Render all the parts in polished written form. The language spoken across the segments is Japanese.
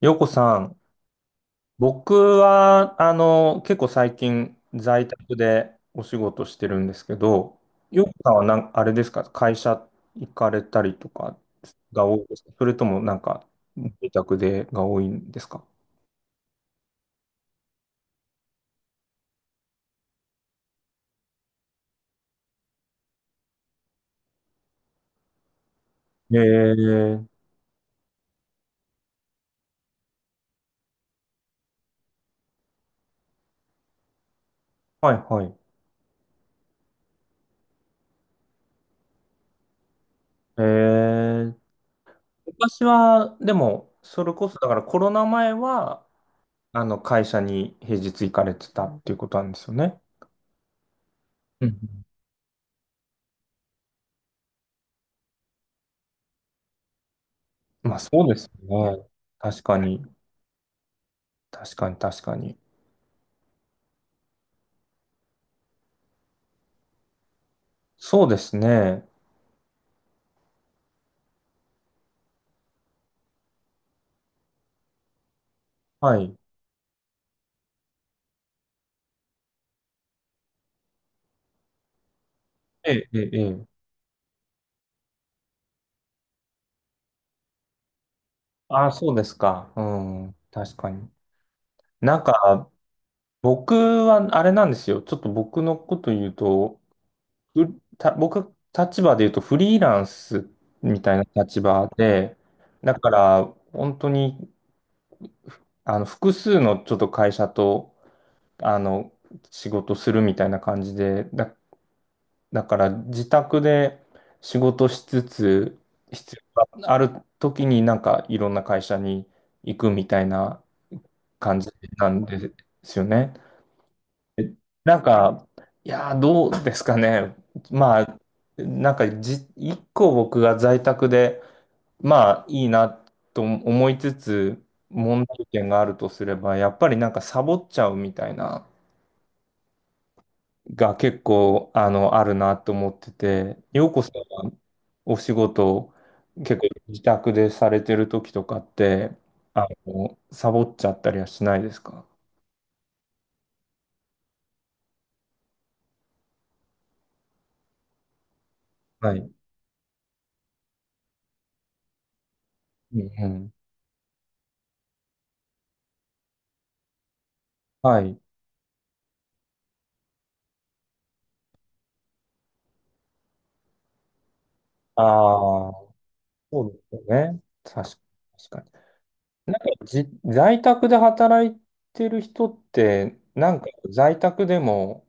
ようこさん、僕は、結構最近在宅でお仕事してるんですけど、ようこさんはなん、あれですか、会社行かれたりとかが多いですか、それともなんか、自宅でが多いんですか？えー、はいはい。えー、昔は、でも、それこそ、だからコロナ前は、あの、会社に平日行かれてたっていうことなんですよね。うんうん。まあそうですよね。確かに。確かに、確かに。そうですね。はい。ええ、ええ、ええ。ああ、そうですか。うん。確かに。なんか、僕は、あれなんですよ。ちょっと僕のこと言うと、う僕、立場で言うと、フリーランスみたいな立場で、だから、本当に、あの、複数のちょっと会社と、あの、仕事するみたいな感じで、だから自宅で仕事しつつ、必要がある時になんかいろんな会社に行くみたいな感じなんですよね。なんか、いやー、どうですかね。まあ、なんかじ、一個僕が在宅で、まあいいなと思いつつ、問題点があるとすれば、やっぱりなんかサボっちゃうみたいな。が結構、あの、あるなと思ってて、ようこさんはお仕事、結構自宅でされてる時とかって、あの、サボっちゃったりはしないですか？はい。うんうん。はい。ああ、そうですよね。確か、確かに。なんかじ、在宅で働いてる人って、なんか在宅でも、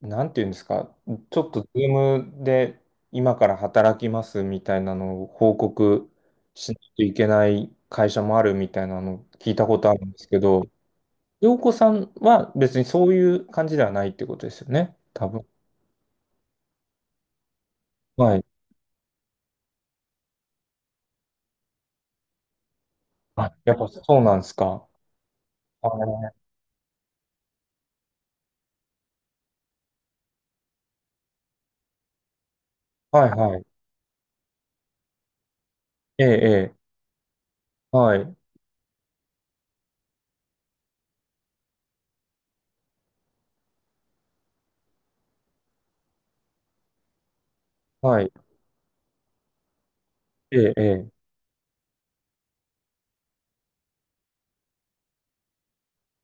なんていうんですか、ちょっと Zoom で今から働きますみたいなのを報告しないといけない会社もあるみたいなのを聞いたことあるんですけど、洋子さんは別にそういう感じではないってことですよね、多分。はい。あ、やっぱそうなんですか。あー、はいはい。ええ、ええ、はい、はい、ええ、え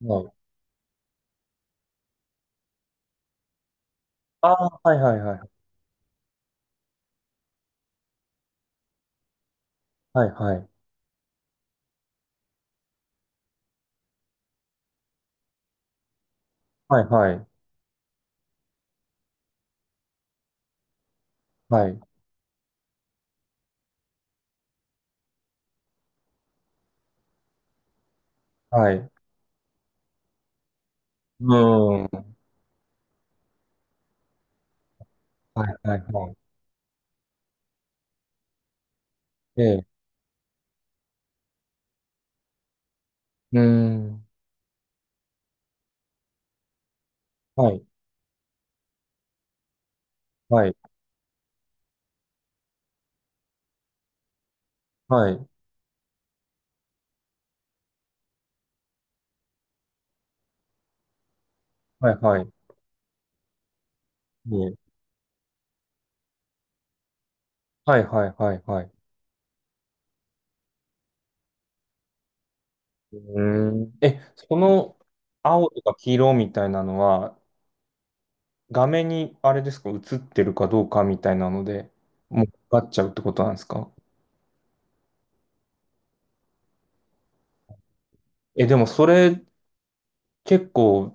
え、はい。ああ、はいはいはい。はいはい。はいはい。はいはい。うーん。はいはいはい。ええ。うーん。はい、はい、はい、はい、はい、ね、はい、はい、はい、はい。うーん。え、その青とか黄色みたいなのは、画面にあれですか、映ってるかどうかみたいなので、もう分かっちゃうってことなんですか？え、でもそれ結構、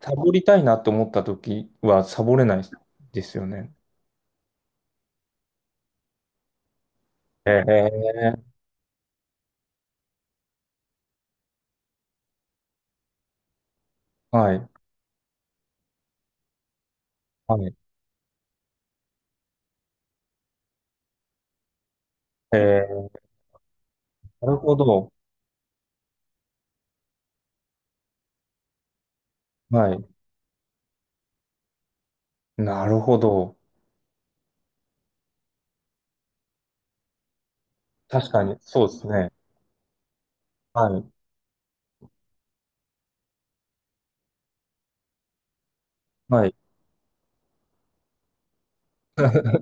サボりたいなと思った時はサボれないですよね。えー、はい、はい。えー、なるほど。はい。なるほど。確かに、そうですね。はい、はい。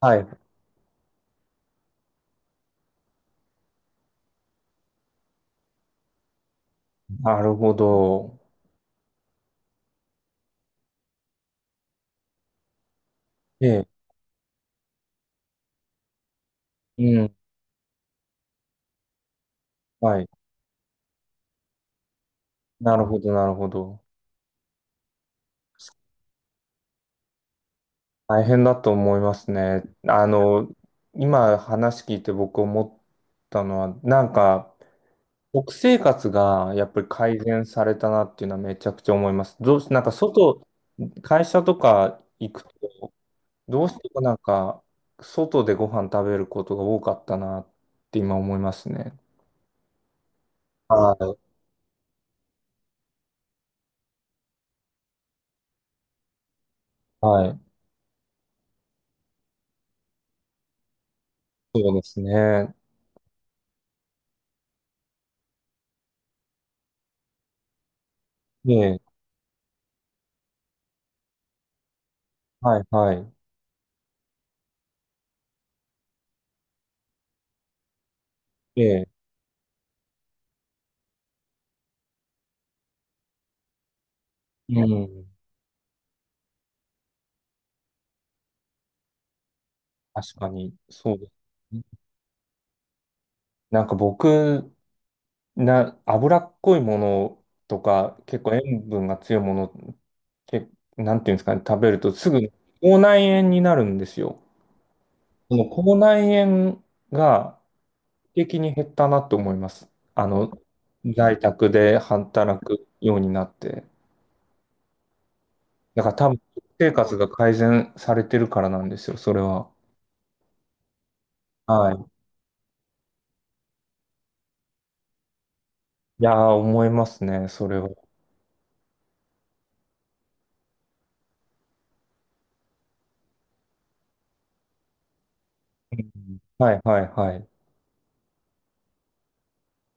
はい。なるほど。ええ、うん。はい。なるほど、なるほど。大変だと思いますね。あの、今話聞いて僕思ったのは、なんか、食生活がやっぱり改善されたなっていうのはめちゃくちゃ思います。どうし、なんか外、会社とか行くと、どうしてもなんか、外でご飯食べることが多かったなって今思いますね。はい。はい。そうですね。ええ、はい、はい。ええ、うん。確かに、そうですね。なんか僕、な、脂っこいものとか、結構塩分が強いもの、け、なんていうんですかね、食べるとすぐ口内炎になるんですよ。その口内炎が劇的に減ったなと思います。あの、在宅で働くようになって。だから多分、生活が改善されてるからなんですよ、それは。はい。いやー、思いますね、それは。うん、はい、はい、はい。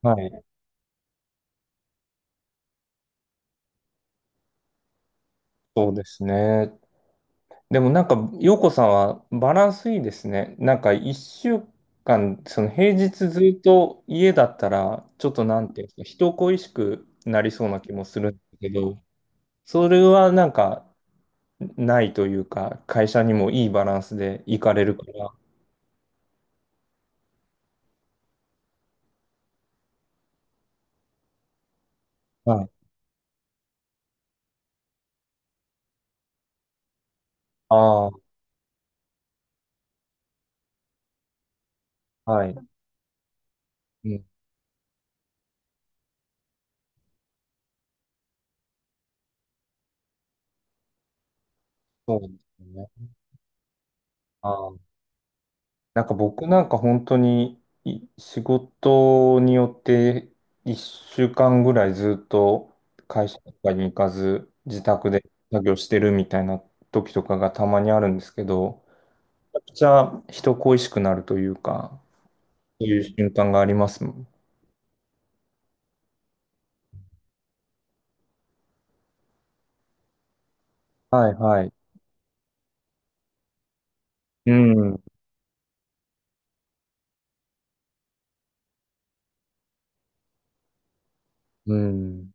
はい。そうですね。でもなんか、陽子さんはバランスいいですね。なんか、一週間、その平日ずっと家だったら、ちょっとなんていうんですか、人恋しくなりそうな気もするんだけど、それはなんか、ないというか、会社にもいいバランスで行かれるから。はい。ああ、はい。うん、そうですね。なんか僕なんか本当に仕事によって1週間ぐらいずっと会社とかに行かず自宅で作業してるみたいな時とかがたまにあるんですけど、めちゃくちゃ人恋しくなるというか、そういう瞬間がありますもん。はいはい。うん。うん。